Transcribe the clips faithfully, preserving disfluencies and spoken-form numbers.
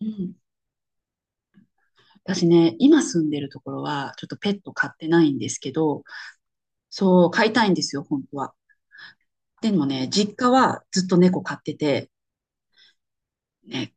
うん、私ね、今住んでるところは、ちょっとペット飼ってないんですけど、そう、飼いたいんですよ、本当は。でもね、実家はずっと猫飼ってて、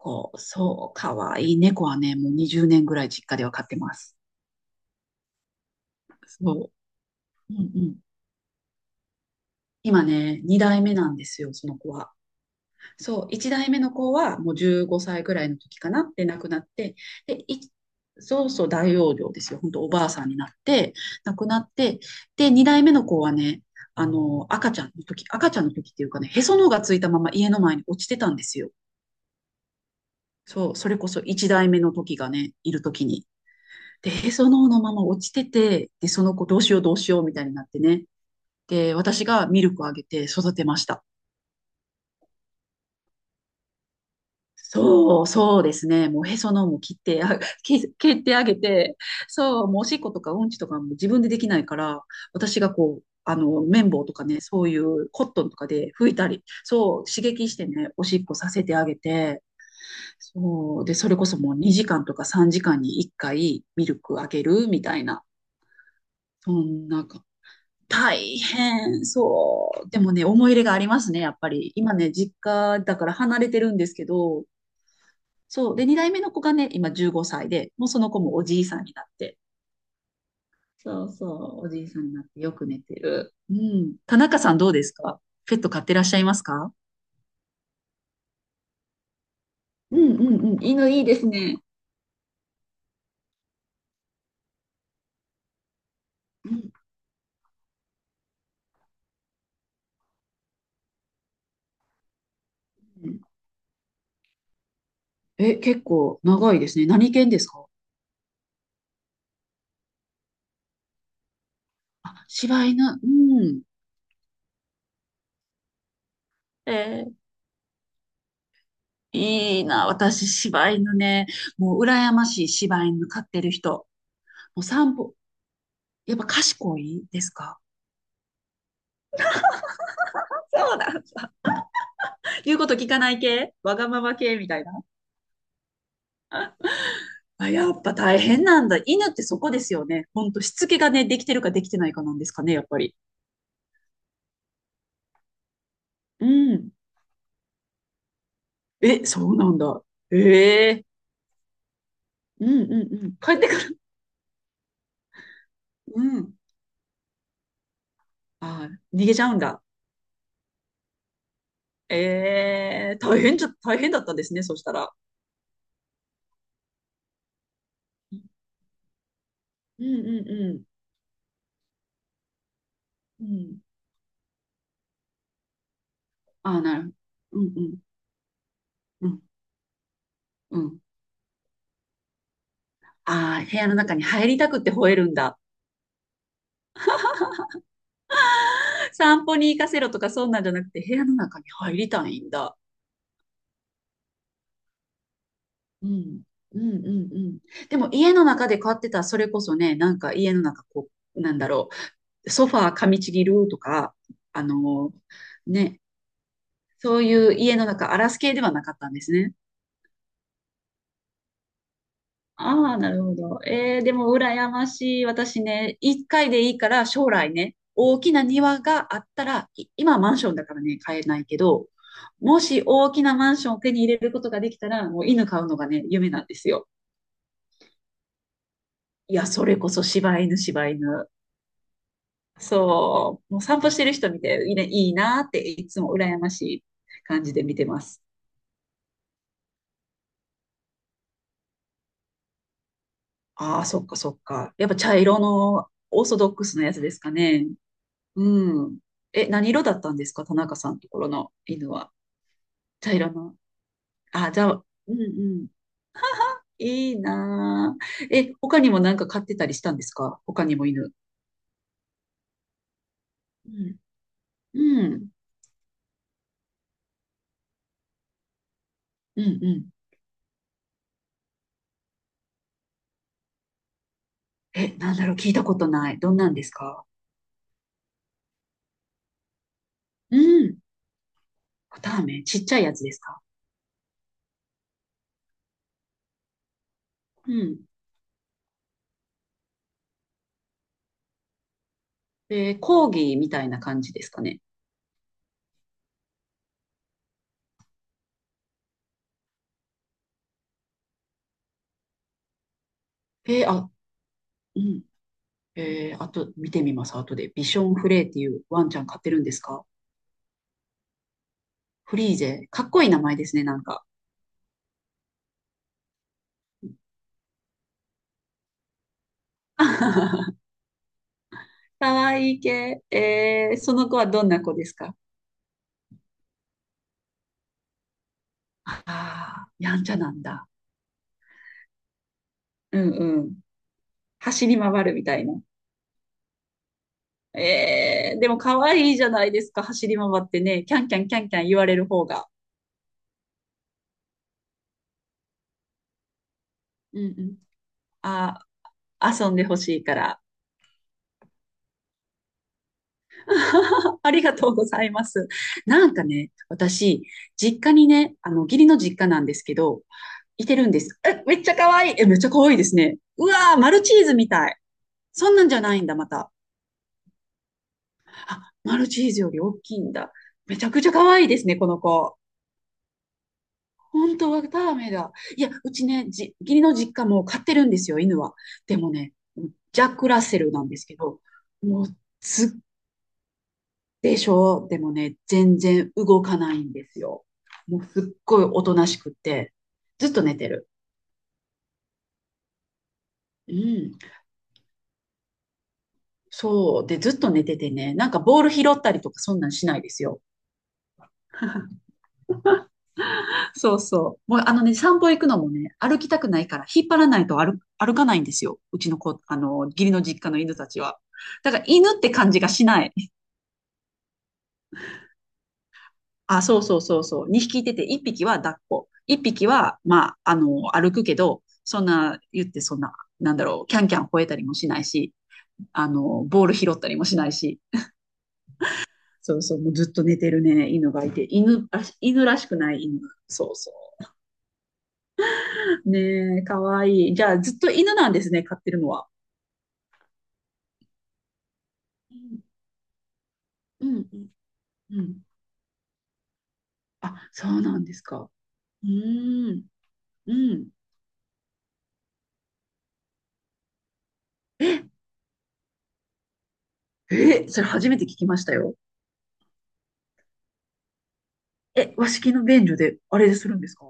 猫、そう、かわいい猫はね、もうにじゅうねんぐらい実家では飼ってます。そう。うんうん。今ね、にだいめ代目なんですよ、その子は。そう、いちだいめ代目の子はもうじゅうごさいぐらいの時かなで亡くなって、で、いそうそう大容量ですよ。本当おばあさんになって、亡くなって、で、にだいめ代目の子はね、あの、赤ちゃんの時、赤ちゃんの時っていうかね、へその緒がついたまま家の前に落ちてたんですよ。そう、それこそいちだいめ代目の時がね、いる時に。で、へその緒のまま落ちてて、で、その子どうしようどうしようみたいになってね。で、私がミルクあげて育てました。そう、そうですね。もうへその緒も切って、あ、け、蹴ってあげて、そう、もうおしっことかうんちとかも自分でできないから、私がこう、あの、綿棒とかね、そういうコットンとかで拭いたり、そう、刺激してね、おしっこさせてあげて、そう、で、それこそもうにじかんとかさんじかんにいっかいミルクあげるみたいな、そんなか、大変、そう。でもね、思い入れがありますね、やっぱり。今ね、実家だから離れてるんですけど、そう。で、にだいめ代目の子がね、今じゅうごさいで、もうその子もおじいさんになって。そうそう、おじいさんになってよく寝てる。うん。田中さんどうですか？ペット飼ってらっしゃいますか？うんうんうん。犬いいですね。うんうん。え、結構長いですね。何犬ですか？あ、柴犬。うん。えーいいな、私、柴犬ね。もう、羨ましい柴犬飼ってる人。もう散歩、やっぱ賢いですか？そうなんだ。言うこと聞かない系わがまま系みたいな。あ、やっぱ大変なんだ。犬ってそこですよね。ほんと、しつけがね、できてるかできてないかなんですかね、やっぱり。うん、え、そうなんだ。ええ、うんうんうん。帰ってくる。うん。あー、逃げちゃうんだ。ええ、大変じゃ、大変だったんですね、そしたら。うんうんうんうん。ああ、なるほど。うんうん。うんうん。ああ、部屋の中に入りたくって吠えるんだ。散歩に行かせろとかそんなんじゃなくて、部屋の中に入りたいんだ。うん。うんうんうん。でも家の中で飼ってたらそれこそね、なんか家の中こう、なんだろう、ソファー噛みちぎるとか、あのね、そういう家の中荒らす系ではなかったんですね。ああ、なるほど。えー、でも羨ましい。私ね、一回でいいから将来ね、大きな庭があったら、い今はマンションだからね、買えないけど、もし大きなマンションを手に入れることができたら、もう犬飼うのがね、夢なんですよ。いや、それこそ柴犬、柴犬。そう、もう散歩してる人見ていいね、いいなっていつも羨ましい感じで見てます。ああ、そっかそっか。やっぱ茶色のオーソドックスなやつですかね。うん。え、何色だったんですか田中さんのところの犬は。茶色の。あ、じゃあ、うんうん。いいなー。え、他にもなんか飼ってたりしたんですか？他にも犬。うん。うん。うんうん。え、なんだろう、聞いたことない。どんなんですか？うん。タメちっちゃいやつですか？うん。えー、講義みたいな感じですかね。えーあ、うん。えーあと、見てみます。後で。ビションフレーっていうワンちゃん飼ってるんですか？フリーゼ。かっこいい名前ですね、なんか。かわいい系。えー、その子はどんな子ですか？ああー、やんちゃなんだ。うんうん。走り回るみたいな。えー、でもかわいいじゃないですか、走り回ってね。キャンキャンキャンキャン言われる方が。うんうん。あー、遊んでほしいから。ありがとうございます。なんかね、私、実家にね、あの、義理の実家なんですけど、いてるんです。え、めっちゃ可愛い。え、めっちゃ可愛いですね。うわー、マルチーズみたい。そんなんじゃないんだ、また。あ、マルチーズより大きいんだ。めちゃくちゃ可愛いですね、この子。本当はダメだ。いや、うちね、じ、義理の実家も飼ってるんですよ、犬は。でもね、ジャック・ラッセルなんですけど、もう、すっでしょう？でもね、全然動かないんですよ。もうすっごいおとなしくって、ずっと寝てる。うん。そう。で、ずっと寝ててね、なんかボール拾ったりとかそんなんしないですよ。そうそう。もうあのね、散歩行くのもね、歩きたくないから引っ張らないと歩歩かないんですよ。うちの子、あの、義理の実家の犬たちは。だから犬って感じがしない。あ、そうそうそうそう。にひきいてて、いっぴきは抱っこ。いっぴきは、まあ、あの、歩くけど、そんな、言ってそんな、なんだろう、キャンキャン吠えたりもしないし、あの、ボール拾ったりもしないし、そうそう、もうずっと寝てるね、犬がいて、犬らし、犬らしくない犬。そうそう。ねえ、かわいい。じゃあ、ずっと犬なんですね、飼ってるのは。うん、うん、うん。うん、あ、そうなんですか。うーん、うん。え、え、それ初めて聞きましたよ。え、和式の便所で、あれするんですか？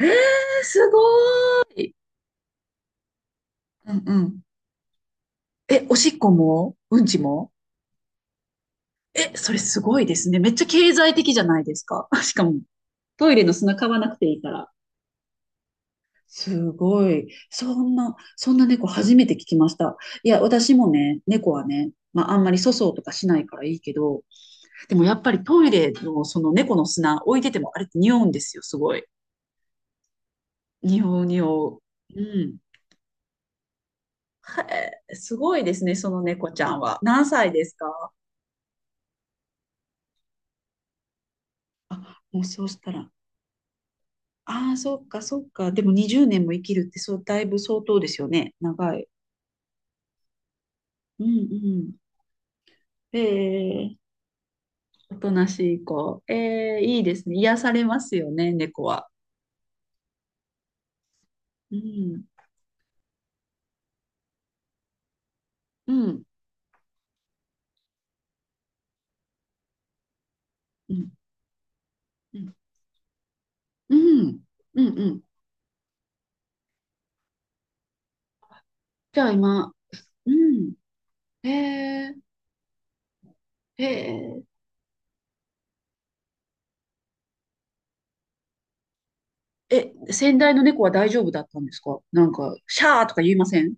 えー、すごーい。うんうん。え、おしっこもうんちも？え、それすごいですね。めっちゃ経済的じゃないですか。しかも、トイレの砂買わなくていいから。すごい。そんな、そんな猫初めて聞きました。いや、私もね、猫はね、まあ、あんまり粗相とかしないからいいけど、でもやっぱりトイレのその猫の砂置いててもあれって匂うんですよ、すごい。匂う匂う。うん。へえ、すごいですね、その猫ちゃんは。何歳ですか？あ、もうそうしたら、ああ、そっか、そっか。でもにじゅうねんも生きるって、そう、だいぶ相当ですよね。長い。うんうん。ええ、おとなしい子。ええ、いいですね。癒されますよね、猫は。うん、うん、うん、うん、うん、うん。うん。じゃあ今、うん。えええええ、先代の猫は大丈夫だったんですか？なんか、シャーとか言いません？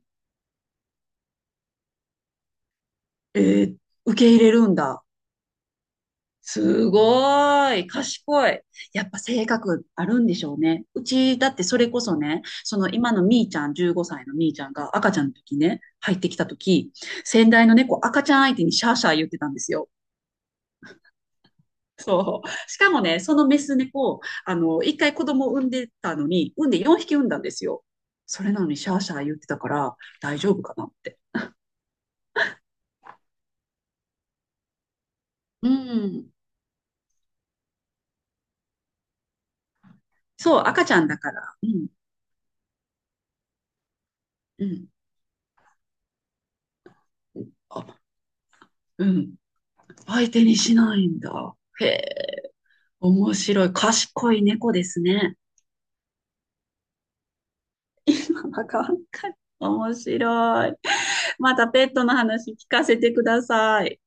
ええ、受け入れるんだ。すごい、賢い。やっぱ性格あるんでしょうね。うち、だってそれこそね、その今のみーちゃん、じゅうごさいのみーちゃんが赤ちゃんの時ね、入ってきた時、先代の猫赤ちゃん相手にシャーシャー言ってたんですよ。そう。しかもね、そのメス猫、あの、一回子供を産んでたのに、産んでよんひき産んだんですよ。それなのにシャーシャー言ってたから、大丈夫かなって。うん。そう、赤ちゃんだから。うん。うん。あ、うん。相手にしないんだ。へえ。面白い。賢い猫ですね。なんか、面白い。またペットの話聞かせてください。